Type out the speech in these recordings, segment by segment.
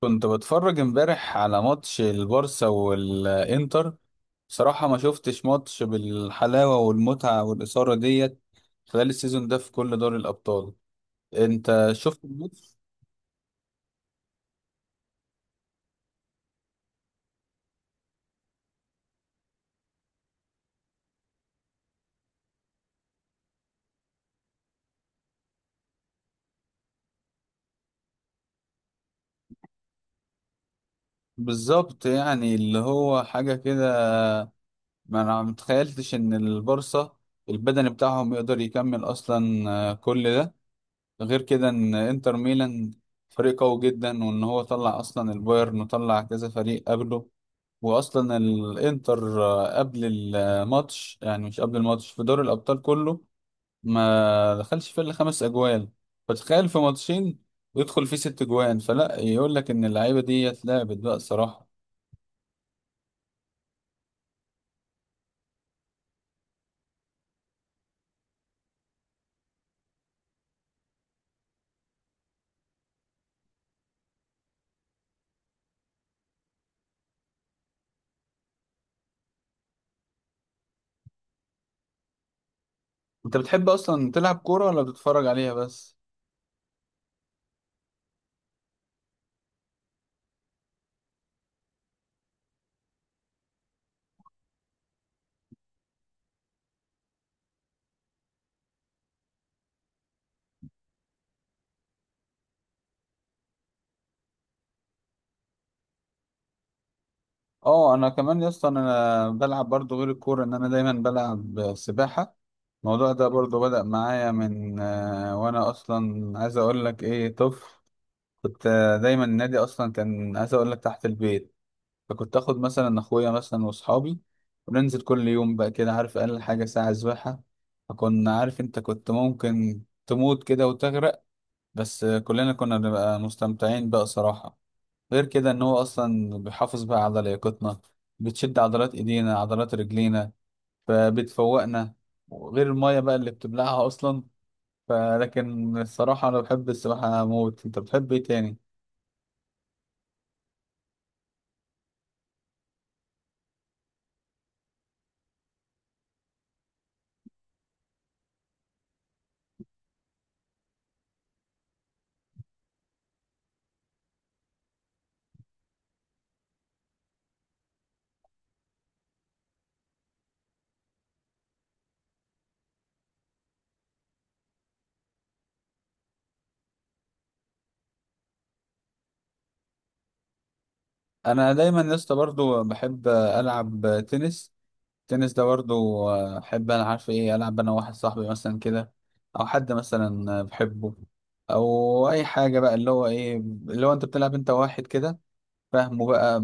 كنت بتفرج امبارح على ماتش البارسا والانتر. بصراحة ما شفتش ماتش بالحلاوة والمتعة والإثارة ديت خلال السيزون ده في كل دوري الأبطال. انت شفت الماتش؟ بالظبط، يعني اللي هو حاجة كده. ما انا متخيلتش ان البارسا البدني بتاعهم يقدر يكمل اصلا، كل ده. غير كده ان انتر ميلان فريق قوي جدا، وان هو طلع اصلا البايرن وطلع كذا فريق قبله. واصلا الانتر، قبل الماتش، يعني مش قبل الماتش، في دوري الابطال كله ما دخلش فيه الا خمس اجوال. فتخيل في ماتشين ويدخل فيه ست اجوان، فلا يقول لك ان اللعيبه دي اتلعبت بقى الصراحه. انت بتحب اصلا تلعب كوره ولا بتتفرج عليها بس؟ اه، انا كمان يا اسطى انا بلعب برضو غير الكوره، ان انا دايما بلعب سباحه. الموضوع ده برضو بدأ معايا من وانا اصلا عايز اقول لك ايه، طفل. كنت دايما النادي اصلا كان عايز اقول لك تحت البيت. فكنت اخد مثلا اخويا مثلا واصحابي، وننزل كل يوم بقى كده، عارف، اقل حاجه ساعه سباحه. فكنا، عارف انت، كنت ممكن تموت كده وتغرق. بس كلنا كنا بنبقى مستمتعين بقى صراحه. غير كده ان هو اصلا بيحافظ بقى على لياقتنا، بتشد عضلات ايدينا عضلات رجلينا فبتفوقنا. وغير الميه بقى اللي بتبلعها اصلا. فلكن الصراحه انا بحب السباحه موت. انت بتحب ايه تاني؟ انا دايما يا اسطى برضه بحب العب تنس. التنس ده برضه احب، انا عارف ايه، العب انا واحد صاحبي مثلا كده، او حد مثلا بحبه، او اي حاجه بقى اللي هو ايه اللي هو انت بتلعب انت واحد كده، فاهمه بقى.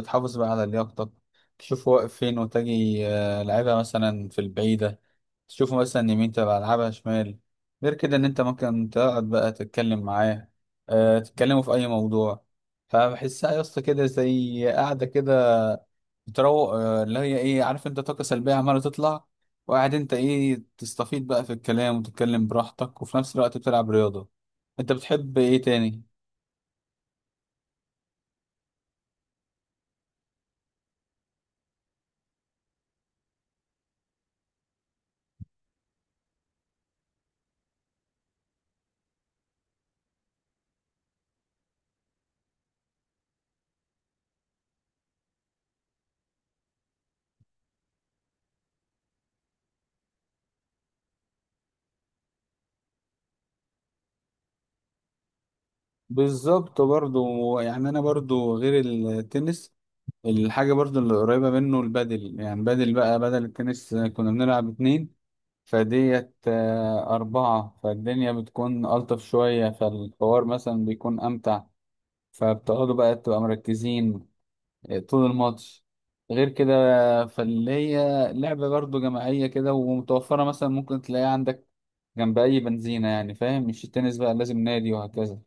بتحافظ بقى على لياقتك، تشوف واقف فين وتجي لعبها مثلا في البعيده، تشوفه مثلا يمين تبقى العبها شمال. غير كده ان انت ممكن تقعد بقى تتكلم معاه، أه، تتكلموا في اي موضوع. فبحسها يا اسطى كده زي قاعده كده بتروق، اللي هي ايه، عارف انت، طاقه سلبيه عماله تطلع. وقاعد انت ايه، تستفيد بقى في الكلام وتتكلم براحتك، وفي نفس الوقت بتلعب رياضه. انت بتحب ايه تاني؟ بالظبط، برضو يعني انا برضو غير التنس، الحاجه برضو اللي قريبه منه البادل. يعني بدل بقى بدل التنس كنا بنلعب اتنين، فديت أربعة، فالدنيا بتكون ألطف شوية، فالحوار مثلا بيكون أمتع. فبتقعدوا بقى تبقى مركزين طول الماتش. غير كده فاللي هي لعبة برضو جماعية كده، ومتوفرة مثلا ممكن تلاقيها عندك جنب أي بنزينة، يعني فاهم، مش التنس بقى لازم نادي وهكذا.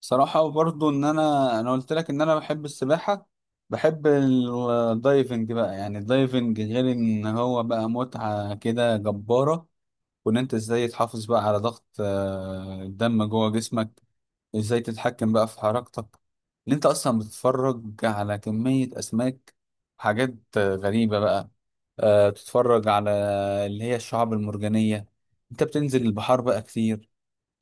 صراحة برضو، إن أنا قلت لك إن أنا بحب السباحة. بحب الدايفنج بقى. يعني الدايفنج غير إن هو بقى متعة كده جبارة، وان انت ازاي تحافظ بقى على ضغط الدم جوه جسمك، ازاي تتحكم بقى في حركتك. ان انت اصلا بتتفرج على كمية اسماك، حاجات غريبة بقى، تتفرج على اللي هي الشعاب المرجانية. انت بتنزل البحار بقى كتير،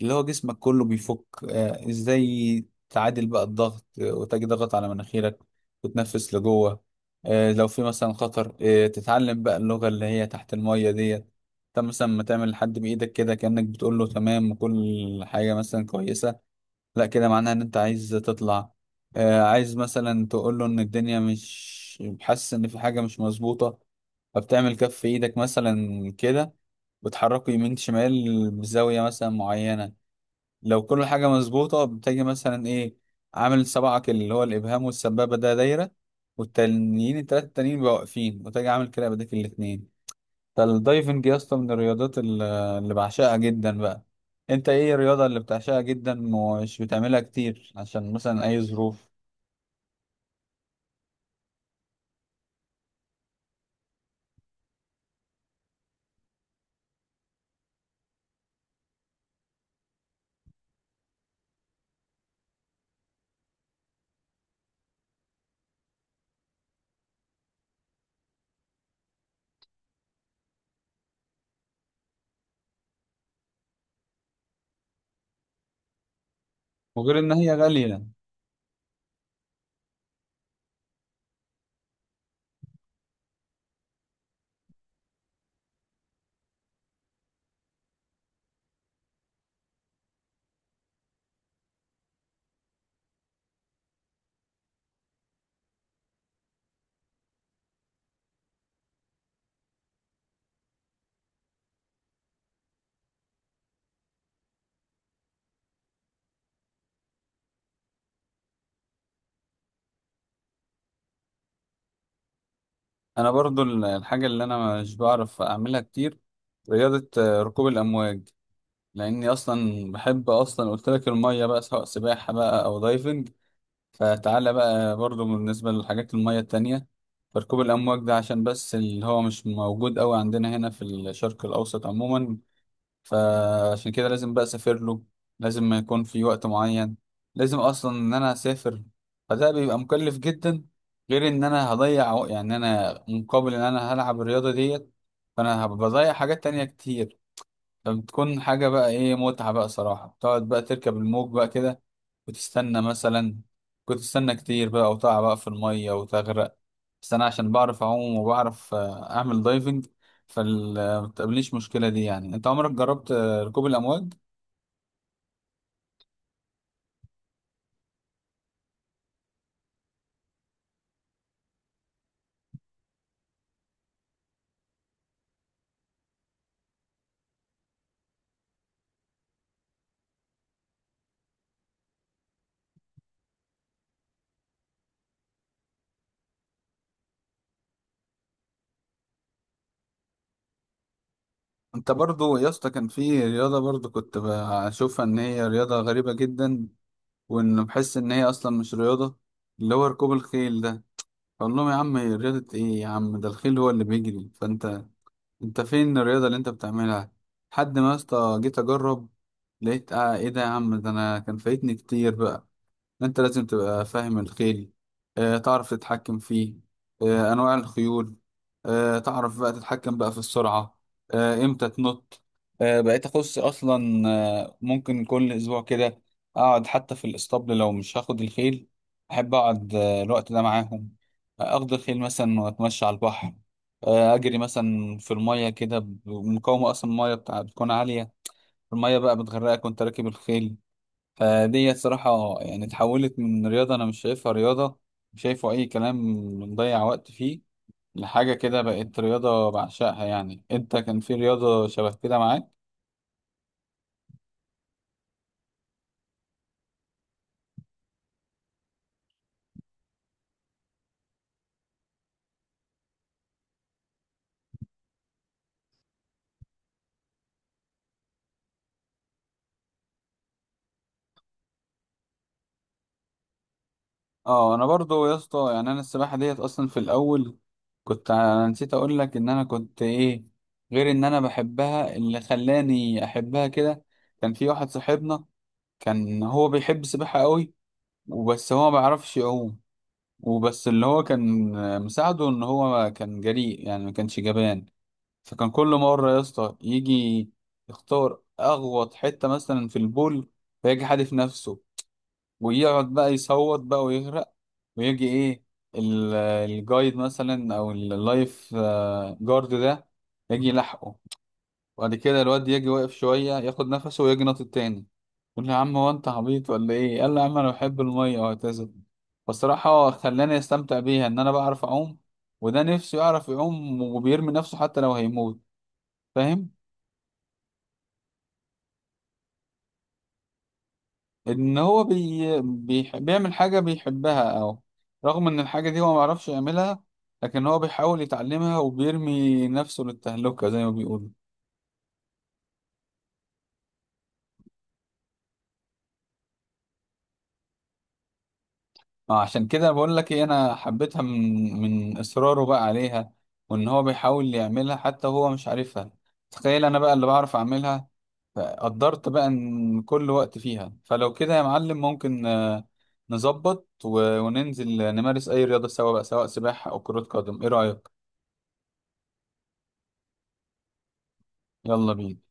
اللي هو جسمك كله بيفك. ازاي تعادل بقى الضغط، وتجي ضغط على مناخيرك وتنفس لجوه. لو في مثلا خطر، تتعلم بقى اللغة اللي هي تحت المية ديت. انت مثلا ما تعمل لحد بإيدك كده كأنك بتقول له تمام وكل حاجة مثلا كويسة. لا، كده معناها ان انت عايز تطلع. عايز مثلا تقول له ان الدنيا، مش حاسس ان في حاجة مش مظبوطة، فبتعمل كف ايدك مثلا كده، بتحركه يمين شمال بزاوية مثلا معينة. لو كل حاجة مظبوطة بتجي مثلا ايه، عامل سبعك اللي هو الإبهام والسبابة ده دايرة، والتانيين التلاتة التانيين بيبقوا واقفين، وتجي عامل كده بديك الاتنين. فالدايفنج يا اسطى من الرياضات اللي بعشقها جدا بقى. انت ايه الرياضة اللي بتعشقها جدا ومش بتعملها كتير عشان مثلا أي ظروف؟ وغير إن هي غالية. أنا برضو الحاجة اللي أنا مش بعرف أعملها كتير، رياضة ركوب الأمواج. لأني أصلا بحب، أصلا قلت لك المية بقى سواء سباحة بقى أو دايفنج، فتعالى بقى برضو بالنسبة للحاجات المية التانية. فركوب الأمواج ده عشان بس اللي هو مش موجود أوي عندنا هنا في الشرق الأوسط عموما، فعشان كده لازم بقى أسافر له، لازم ما يكون في وقت معين، لازم أصلا إن أنا أسافر، فده بيبقى مكلف جدا. غير إن أنا هضيع يعني أنا مقابل إن أنا هلعب الرياضة ديت، فأنا هبقى بضيع حاجات تانية كتير. فبتكون حاجة بقى إيه، متعة بقى صراحة تقعد بقى تركب الموج بقى كده، وتستنى مثلا، كنت استنى كتير بقى، وتقع بقى في المية وتغرق. بس انا عشان بعرف اعوم وبعرف اعمل دايفنج فمتقابلنيش المشكلة دي. يعني انت عمرك جربت ركوب الامواج؟ انت برضو يا اسطى، كان في رياضة برضو كنت بشوفها ان هي رياضة غريبة جدا، وان بحس ان هي اصلا مش رياضة، اللي هو ركوب الخيل ده. اقول لهم يا عم هي رياضة ايه يا عم، ده الخيل هو اللي بيجري، فانت انت فين الرياضة اللي انت بتعملها؟ لحد ما يا اسطى جيت اجرب، لقيت اه ايه ده يا عم، ده انا كان فايتني كتير بقى. انت لازم تبقى فاهم الخيل، تعرف تتحكم فيه، انواع الخيول، تعرف بقى تتحكم بقى في السرعة، امتى تنط. بقيت اخص اصلا، ممكن كل اسبوع كده، اقعد حتى في الاسطبل لو مش هاخد الخيل. احب اقعد الوقت ده معاهم. اخد الخيل مثلا واتمشى على البحر، اجري مثلا في المية كده مقاومة، اصلا المية بتاع بتكون عالية، المية بقى بتغرقك وانت راكب الخيل. فدي صراحة يعني اتحولت من رياضة أنا مش شايفها رياضة، مش شايفه أي كلام، بنضيع وقت فيه، لحاجة كده بقت رياضة بعشقها. يعني أنت كان في رياضة شبه كده معاك؟ أه، أنا برضو يا اسطى يعني أنا السباحة ديت أصلا في الأول، كنت أنا نسيت أقول لك إن أنا كنت إيه، غير إن أنا بحبها. اللي خلاني أحبها كده، كان في واحد صاحبنا كان هو بيحب السباحة قوي، وبس هو ما بيعرفش يعوم. وبس اللي هو كان مساعده ان هو كان جريء، يعني ما كانش جبان. فكان كل مرة يا اسطى يجي يختار اغوط حتة مثلا في البول، فيجي حادف نفسه، ويقعد بقى يصوت بقى ويغرق، ويجي ايه الجايد مثلا او اللايف جارد ده يجي يلحقه. وبعد كده الواد يجي واقف شوية ياخد نفسه ويجي ناطط تاني. يقول لي يا عم هو انت عبيط ولا ايه، قال لي يا عم انا بحب المية وهكذا. فالصراحة خلاني استمتع بيها، ان انا بعرف اعوم، وده نفسه يعرف يعوم وبيرمي نفسه حتى لو هيموت، فاهم. ان هو بيعمل حاجة بيحبها، او رغم ان الحاجة دي هو ما يعرفش يعملها، لكن هو بيحاول يتعلمها وبيرمي نفسه للتهلكة زي ما بيقولوا. اه، عشان كده بقول لك ايه، انا حبيتها من اصراره بقى عليها، وان هو بيحاول يعملها حتى هو مش عارفها. تخيل انا بقى اللي بعرف اعملها، فقدرت بقى ان كل وقت فيها. فلو كده يا معلم ممكن نظبط وننزل نمارس اي رياضة سوا بقى، سواء سباحة او كرة قدم، ايه رأيك؟ يلا بينا.